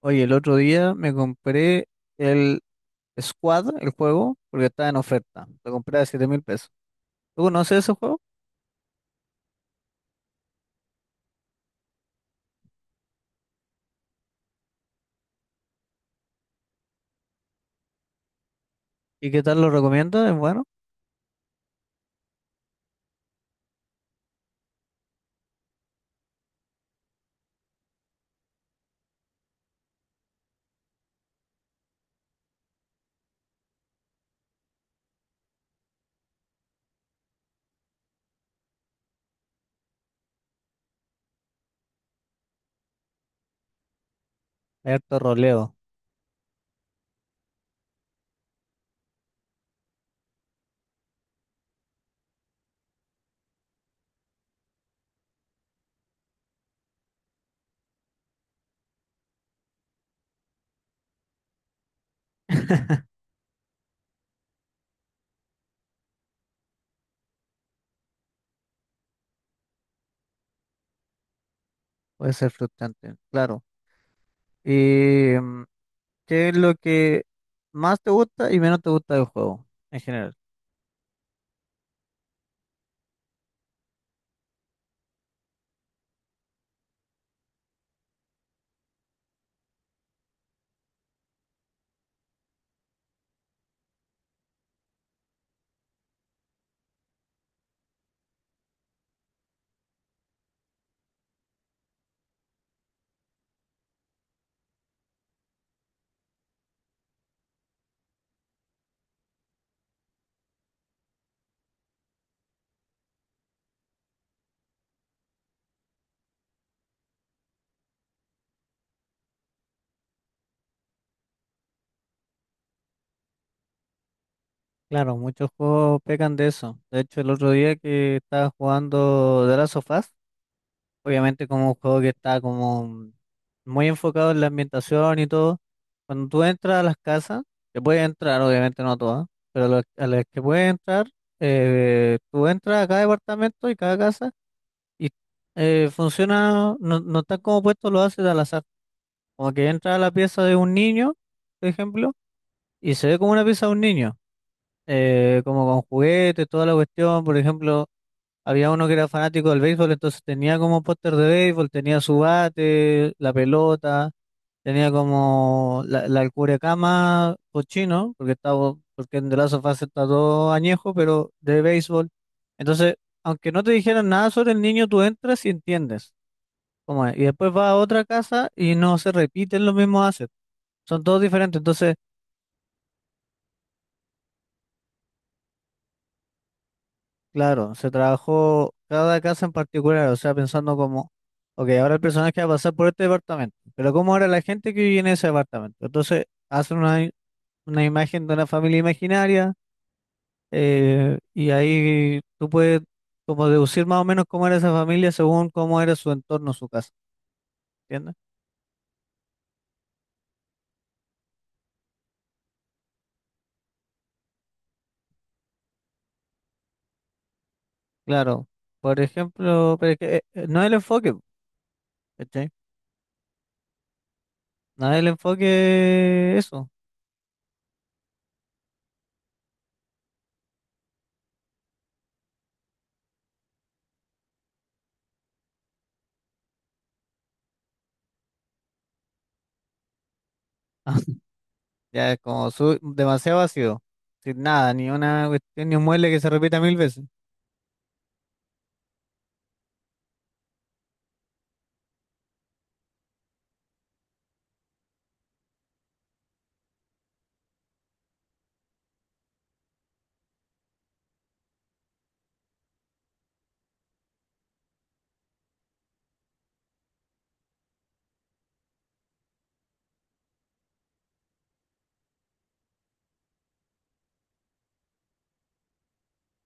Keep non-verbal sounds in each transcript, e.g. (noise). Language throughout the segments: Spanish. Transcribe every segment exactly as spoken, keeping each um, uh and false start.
Oye, el otro día me compré el Squad, el juego, porque estaba en oferta. Lo compré a siete mil pesos. ¿Tú conoces ese juego? ¿Y qué tal lo recomiendas? Es bueno. Hay harto roleo. (laughs) Puede ser frustrante, claro. ¿Y mm, qué es lo que más te gusta y menos te gusta del juego en general? Claro, muchos juegos pecan de eso. De hecho, el otro día que estaba jugando The Last of Us, obviamente como un juego que está como muy enfocado en la ambientación y todo, cuando tú entras a las casas, que puedes entrar, obviamente no a todas, pero lo- a las que puedes entrar, eh, tú entras a cada departamento y cada casa y eh, funciona, no, no está como puesto, lo haces al azar. Como que entra a la pieza de un niño, por ejemplo, y se ve como una pieza de un niño, eh, como con juguetes, toda la cuestión, por ejemplo. Había uno que era fanático del béisbol, entonces tenía como póster de béisbol, tenía su bate, la pelota, tenía como la, la cama cochino, porque estaba, porque en The Last of Us está todo añejo, pero de béisbol. Entonces, aunque no te dijeran nada sobre el niño, tú entras y entiendes cómo es. Y después vas a otra casa y no se repiten los mismos assets, son todos diferentes. Entonces, Claro, se trabajó cada casa en particular, o sea, pensando como, ok, ahora el personaje va a pasar por este departamento, pero ¿cómo era la gente que vivía en ese departamento? Entonces, hacen una, i- una imagen de una familia imaginaria eh, y ahí tú puedes como deducir más o menos cómo era esa familia según cómo era su entorno, su casa, ¿entiendes? Claro, por ejemplo, pero es que, eh, eh, no es el enfoque, ¿cachai? No es el enfoque eso. (laughs) Ya es como su- demasiado vacío, sin nada, ni una cuestión, ni un mueble que se repita mil veces.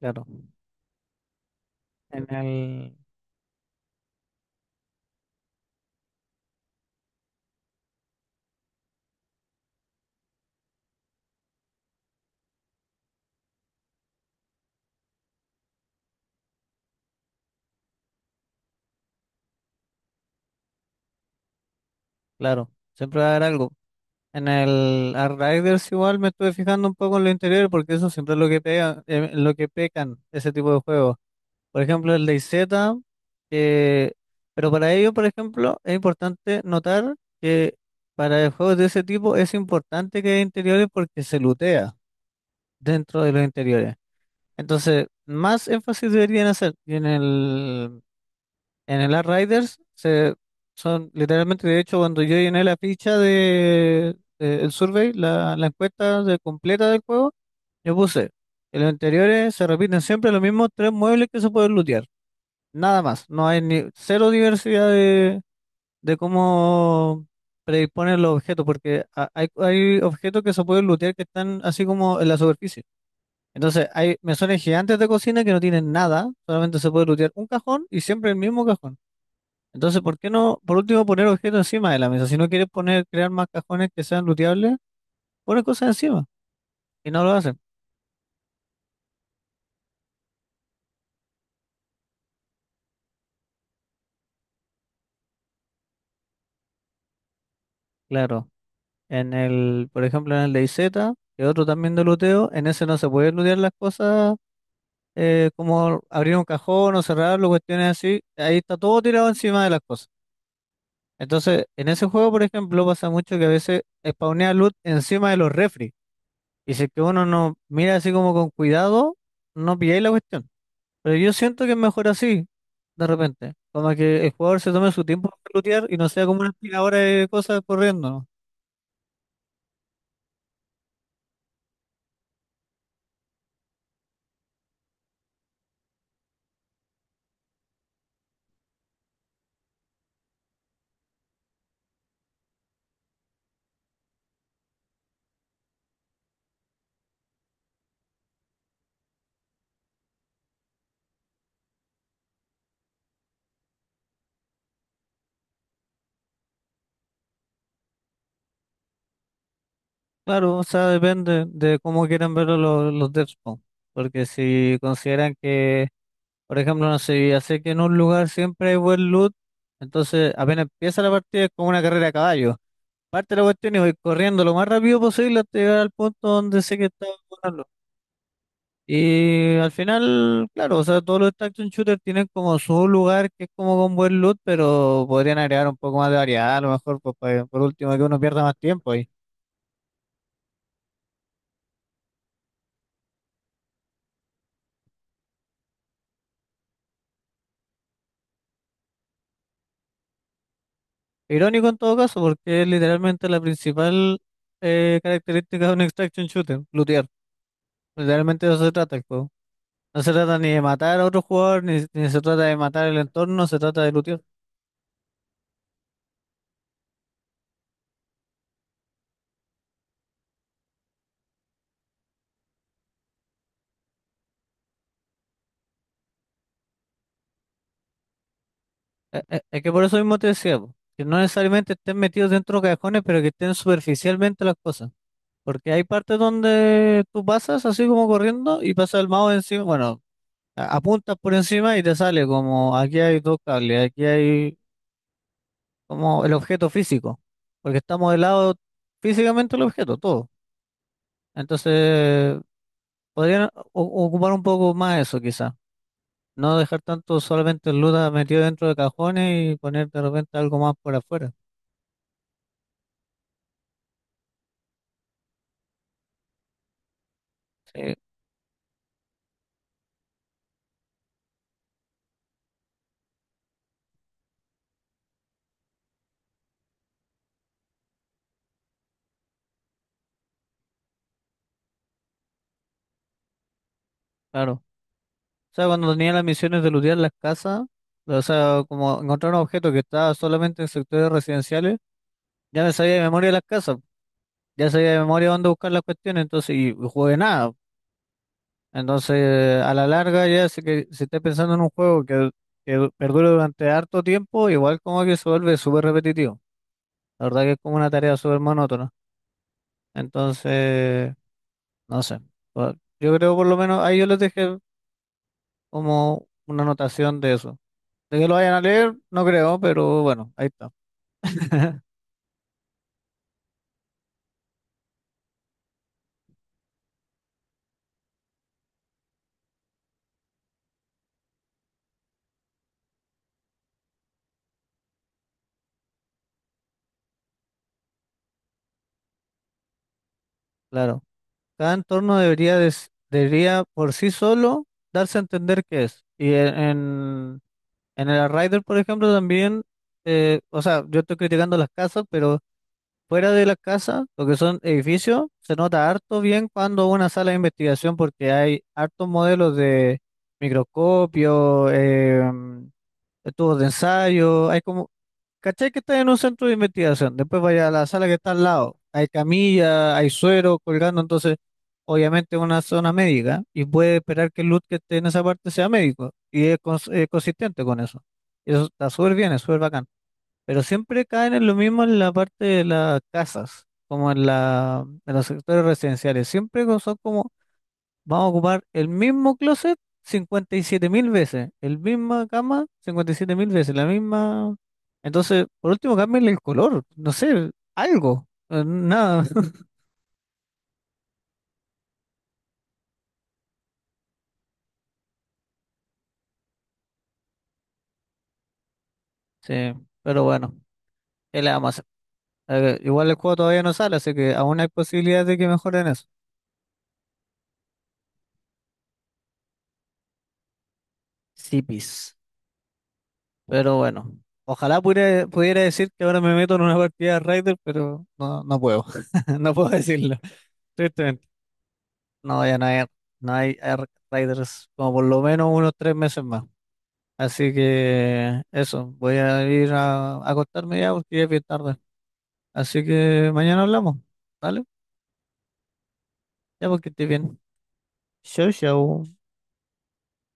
Claro, en el, claro, siempre va a haber algo. En el Outriders igual me estuve fijando un poco en lo interior porque eso siempre es lo que pega, eh, lo que pecan ese tipo de juegos. Por ejemplo, el DayZ, que- pero para ello, por ejemplo, es importante notar que para juegos de ese tipo es importante que haya interiores porque se lootea dentro de los interiores. Entonces, más énfasis deberían hacer. Y en el, en el Riders se, son literalmente, de hecho, cuando yo llené la ficha de, de el survey, la, la encuesta de- completa del juego, yo puse, en los interiores se repiten siempre los mismos tres muebles que se pueden lootear. Nada más. No hay ni cero diversidad de, de cómo predisponer los objetos, porque ha- hay, hay objetos que se pueden lootear que están así como en la superficie. Entonces, hay mesones gigantes de cocina que no tienen nada, solamente se puede lootear un cajón y siempre el mismo cajón. Entonces, ¿por qué no, por último, poner objetos encima de la mesa? Si no quieres poner, crear más cajones que sean looteables, pones cosas encima y no lo hacen. Claro, en el, por ejemplo, en el de I Z, que es otro también de looteo, en ese no se puede lootear las cosas eh, como abrir un cajón o cerrarlo, cuestiones así. Ahí está todo tirado encima de las cosas. Entonces, en ese juego, por ejemplo, pasa mucho que a veces spawnea loot encima de los refri. Y si es que uno no mira así como con cuidado, no pilláis la cuestión. Pero yo siento que es mejor así, de repente. Como que el jugador se tome su tiempo para lootear y no sea como una aspiradora de cosas corriendo, ¿no? Claro, o sea, depende de cómo quieran verlo los, los devs, po. Porque si consideran que, por ejemplo, no sé, ya sé que en un lugar siempre hay buen loot, entonces apenas empieza la partida es como una carrera a caballo. Parte la cuestión y voy corriendo lo más rápido posible hasta llegar al punto donde sé que está bueno Y al final, claro, o sea, todos los action shooters tienen como su lugar que es como con buen loot, pero podrían agregar un poco más de variedad, a lo mejor, pues, pa- que, por último, que uno pierda más tiempo ahí. Irónico en todo caso, porque es literalmente la principal eh, característica de un extraction shooter, lootear. Literalmente de eso se trata el juego. No se trata ni de matar a otro jugador, ni, ni se trata de matar el entorno, se trata de lootear. Eh, eh, Es, que por eso mismo te decía, po, que no necesariamente estén metidos dentro de cajones, pero que estén superficialmente las cosas. Porque hay partes donde tú pasas así como corriendo y pasa el mouse encima, bueno, a- apuntas por encima y te sale como aquí hay dos cables, aquí hay como el objeto físico, porque está modelado físicamente el objeto, todo. Entonces, podrían o- ocupar un poco más eso quizá, no dejar tanto solamente el luda metido dentro de cajones y poner de repente algo más por afuera. Sí, claro. O sea, cuando tenía las misiones de lootear las casas, o sea, como encontrar un objeto que estaba solamente en sectores residenciales, ya me sabía de memoria las casas, ya sabía de memoria dónde buscar las cuestiones, entonces, y, y jugué nada. Entonces, a la larga, ya si, que, si estás pensando en un juego que, que du- perdure durante harto tiempo, igual como que se vuelve súper repetitivo. La verdad que es como una tarea súper monótona. Entonces, no sé. Por- Yo creo por lo menos, ahí yo les dejé como una anotación de eso. De que lo vayan a leer, no creo, pero bueno, ahí está. (laughs) Claro. Cada entorno debería, des- debería por sí solo darse a entender qué es. Y en, en, en el Rider, por ejemplo, también, eh, o sea, yo estoy criticando las casas, pero fuera de las casas, lo que son edificios, se nota harto bien cuando una sala de investigación, porque hay hartos modelos de microscopio, eh, tubos de ensayo, hay como ¿Cachai que está en un centro de investigación? Después vaya a la sala que está al lado. Hay camilla, hay suero colgando, entonces obviamente es una zona médica y puede esperar que el loot que esté en esa parte sea médico y es cons- eh, consistente con eso. Y eso está súper bien, es súper bacán. Pero siempre caen en lo mismo en la parte de las casas, como en la, en los sectores residenciales. Siempre co- son como. Vamos a ocupar el mismo closet cincuenta y siete mil veces, el misma cama cincuenta y siete mil veces, la misma... Entonces, por último, cámbiale el color, no sé, algo, eh, nada. (laughs) Sí, pero bueno, ¿qué le vamos a hacer? Eh, igual el juego todavía no sale, así que aún hay posibilidades de que mejoren eso. Sí, pis. Pero bueno, ojalá pudiera, pudiera decir que ahora me meto en una partida de Raider, pero no, no puedo, (laughs) no puedo decirlo, tristemente. No, ya no hay, no hay, Ark Riders como por lo menos unos tres meses más. Así que eso, voy a ir a, a acostarme ya porque ya es bien tarde. Así que mañana hablamos, ¿vale? Ya porque estoy bien. Chau, chau.